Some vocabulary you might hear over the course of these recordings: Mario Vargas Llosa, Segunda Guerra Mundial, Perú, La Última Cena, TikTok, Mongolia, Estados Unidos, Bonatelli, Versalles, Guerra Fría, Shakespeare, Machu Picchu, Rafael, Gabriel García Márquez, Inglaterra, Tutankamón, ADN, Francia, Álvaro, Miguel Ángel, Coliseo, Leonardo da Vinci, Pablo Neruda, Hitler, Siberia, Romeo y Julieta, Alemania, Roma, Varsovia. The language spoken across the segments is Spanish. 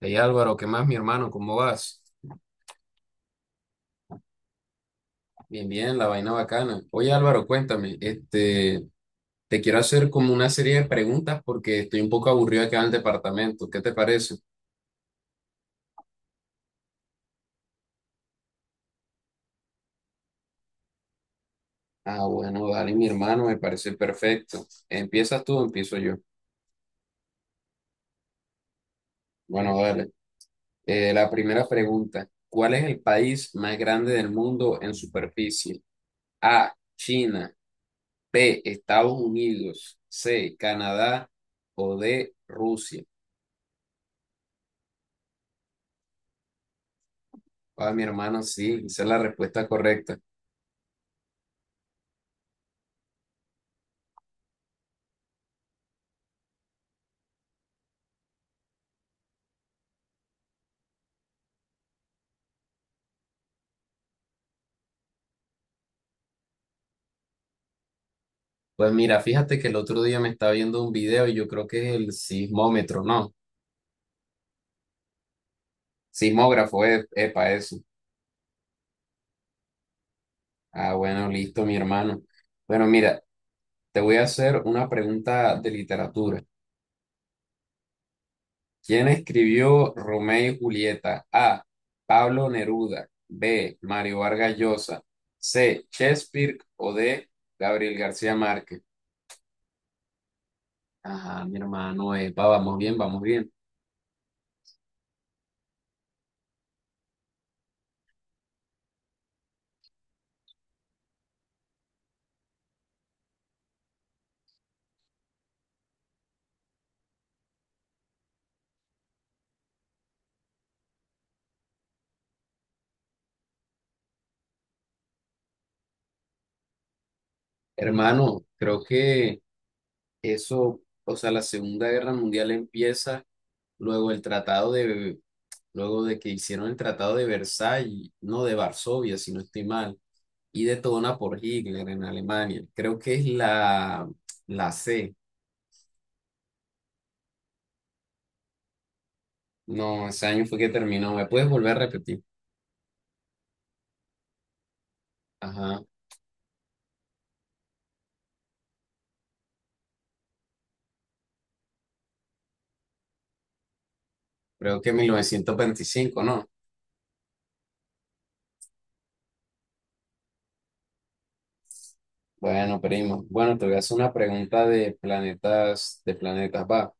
Hey Álvaro, ¿qué más, mi hermano? ¿Cómo vas? Bien, bien, la vaina bacana. Oye Álvaro, cuéntame, te quiero hacer como una serie de preguntas porque estoy un poco aburrido acá en el departamento. ¿Qué te parece? Ah, bueno, dale, mi hermano, me parece perfecto. ¿Empiezas tú o empiezo yo? Bueno, dale. La primera pregunta, ¿cuál es el país más grande del mundo en superficie? A, China, B, Estados Unidos, C, Canadá o D, Rusia. Ah, mi hermano, sí, esa es la respuesta correcta. Pues mira, fíjate que el otro día me estaba viendo un video y yo creo que es el sismómetro, ¿no? Sismógrafo, es epa, eso. Ah, bueno, listo, mi hermano. Bueno, mira, te voy a hacer una pregunta de literatura. ¿Quién escribió Romeo y Julieta? A, Pablo Neruda. B, Mario Vargas Llosa. C, Shakespeare o D, Gabriel García Márquez. Ajá, mi hermano, epa, vamos bien, vamos bien. Hermano, creo que eso, o sea, la Segunda Guerra Mundial empieza luego el tratado de, luego de que hicieron el tratado de Versalles, no de Varsovia, si no estoy mal, y detona por Hitler en Alemania. Creo que es la C. No, ese año fue que terminó. ¿Me puedes volver a repetir? Ajá, creo que 1925, ¿no? Bueno, primo. Bueno, te voy a hacer una pregunta de planetas, va.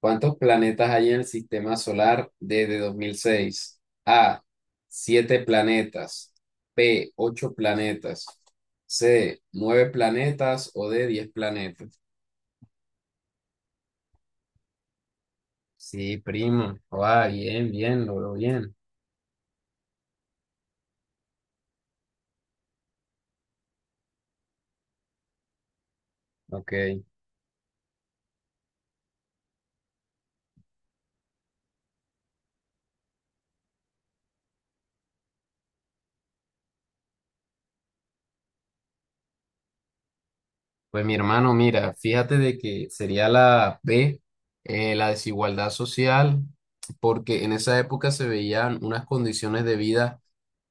¿Cuántos planetas hay en el sistema solar desde 2006? A, 7 planetas, B, 8 planetas, C, 9 planetas o D, 10 planetas. Sí, primo. Ah, bien, bien, lo veo bien. Ok. Pues mi hermano, mira, fíjate de que sería la B, la desigualdad social, porque en esa época se veían unas condiciones de vida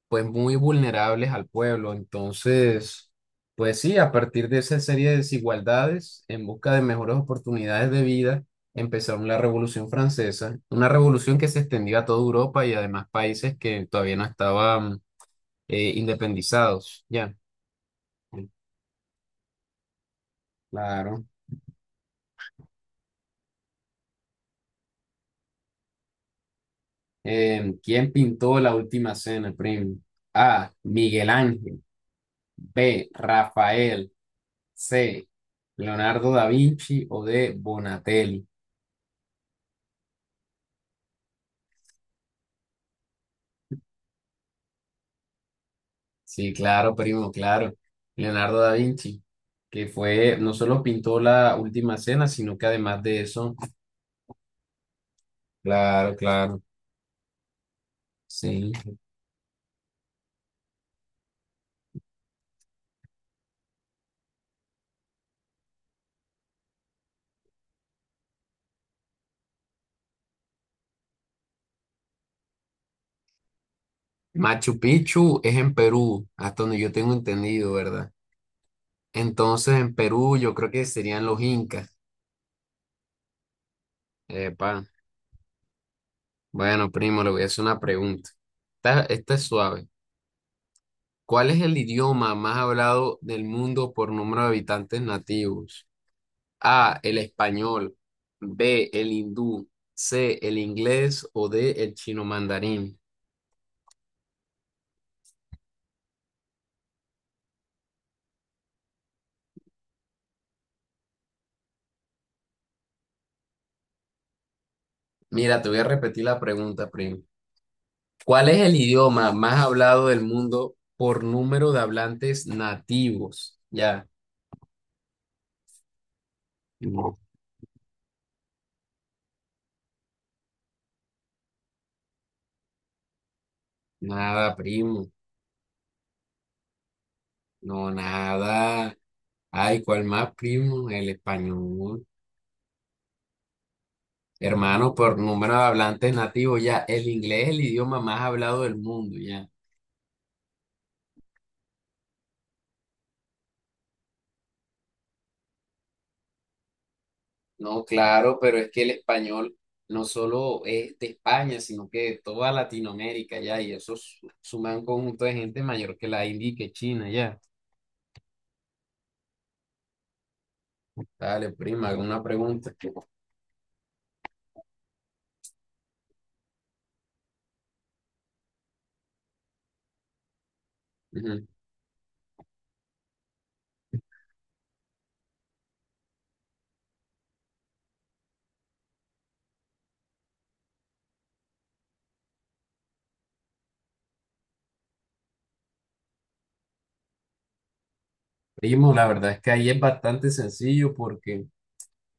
pues muy vulnerables al pueblo. Entonces, pues sí, a partir de esa serie de desigualdades, en busca de mejores oportunidades de vida, empezaron la Revolución Francesa, una revolución que se extendió a toda Europa y además países que todavía no estaban independizados. Ya, claro. ¿Quién pintó La Última Cena, primo? A, Miguel Ángel. B, Rafael. C, Leonardo da Vinci o D, Bonatelli. Sí, claro, primo, claro. Leonardo da Vinci, que fue, no solo pintó la Última Cena, sino que además de eso, claro, claro, sí. Machu Picchu es en Perú, hasta donde yo tengo entendido, ¿verdad? Entonces, en Perú yo creo que serían los incas. Epa. Bueno, primo, le voy a hacer una pregunta. Esta es suave. ¿Cuál es el idioma más hablado del mundo por número de habitantes nativos? A, el español, B, el hindú, C, el inglés o D, el chino mandarín. Mira, te voy a repetir la pregunta, primo. ¿Cuál es el idioma más hablado del mundo por número de hablantes nativos? Ya. No. Nada, primo. No, nada. Ay, ¿cuál más, primo? El español. Hermano, por número de hablantes nativos, ya. El inglés es el idioma más hablado del mundo, ya. No, claro, pero es que el español no solo es de España, sino que de toda Latinoamérica ya, y eso suma un conjunto de gente mayor que la India y que China ya. Dale, prima, alguna pregunta. Ujú. Primo, la verdad es que ahí es bastante sencillo porque,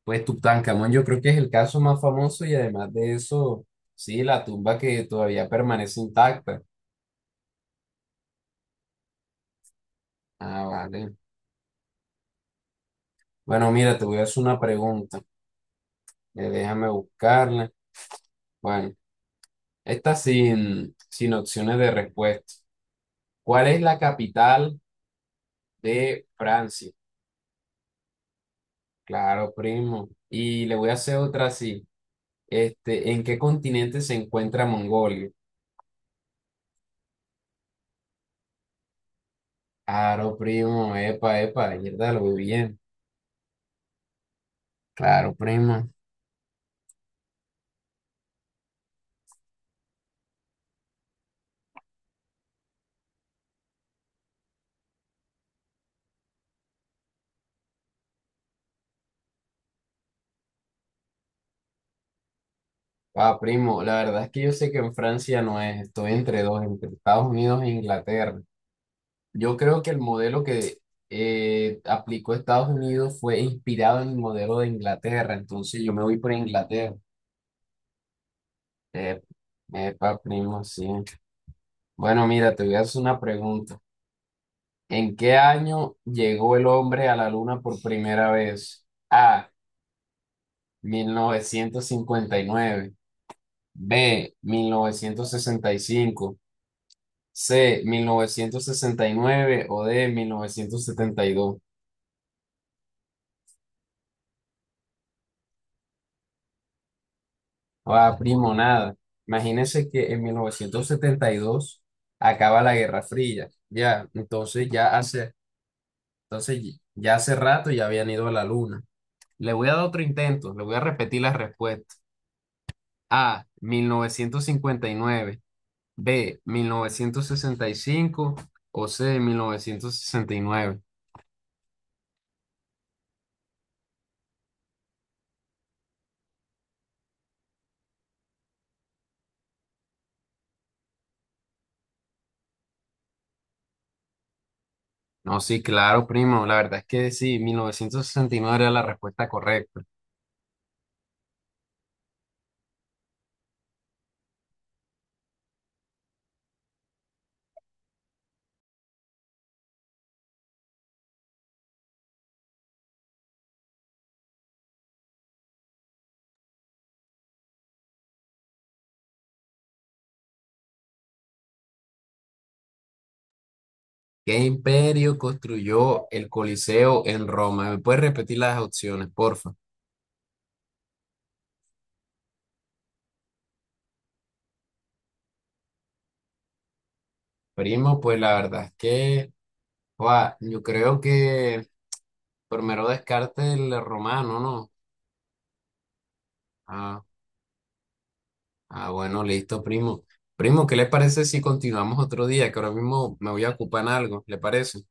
pues, Tutankamón yo creo que es el caso más famoso y además de eso, sí, la tumba que todavía permanece intacta. Ah, vale. Bueno, mira, te voy a hacer una pregunta. Déjame buscarla. Bueno. Esta sin opciones de respuesta. ¿Cuál es la capital de Francia? Claro, primo. Y le voy a hacer otra así. ¿En qué continente se encuentra Mongolia? Claro, primo. Epa, epa, verdad, lo vi bien. Claro, primo. Ah, primo, la verdad es que yo sé que en Francia no es, estoy entre dos, entre Estados Unidos e Inglaterra. Yo creo que el modelo que aplicó Estados Unidos fue inspirado en el modelo de Inglaterra, entonces yo me voy por Inglaterra. Eh, epa, primo, sí. Bueno, mira, te voy a hacer una pregunta. ¿En qué año llegó el hombre a la luna por primera vez? A, 1959, B, 1965, C, 1969 o D, 1972. Ah, primo, nada. Imagínese que en 1972 acaba la Guerra Fría. Ya, entonces ya hace, rato ya habían ido a la luna. Le voy a dar otro intento, le voy a repetir las respuestas. A, 1959, B, 1965, o C, 1969. No, sí, claro, primo, la verdad es que sí, 1969 era la respuesta correcta. ¿Qué imperio construyó el Coliseo en Roma? ¿Me puedes repetir las opciones, porfa? Primo, pues la verdad es que, guau, yo creo que primero descarte el romano, ¿no? Ah, Ah, bueno, listo, primo. Primo, ¿qué le parece si continuamos otro día? Que ahora mismo me voy a ocupar en algo, ¿le parece?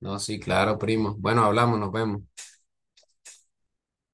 No, sí, claro, primo. Bueno, hablamos, nos vemos.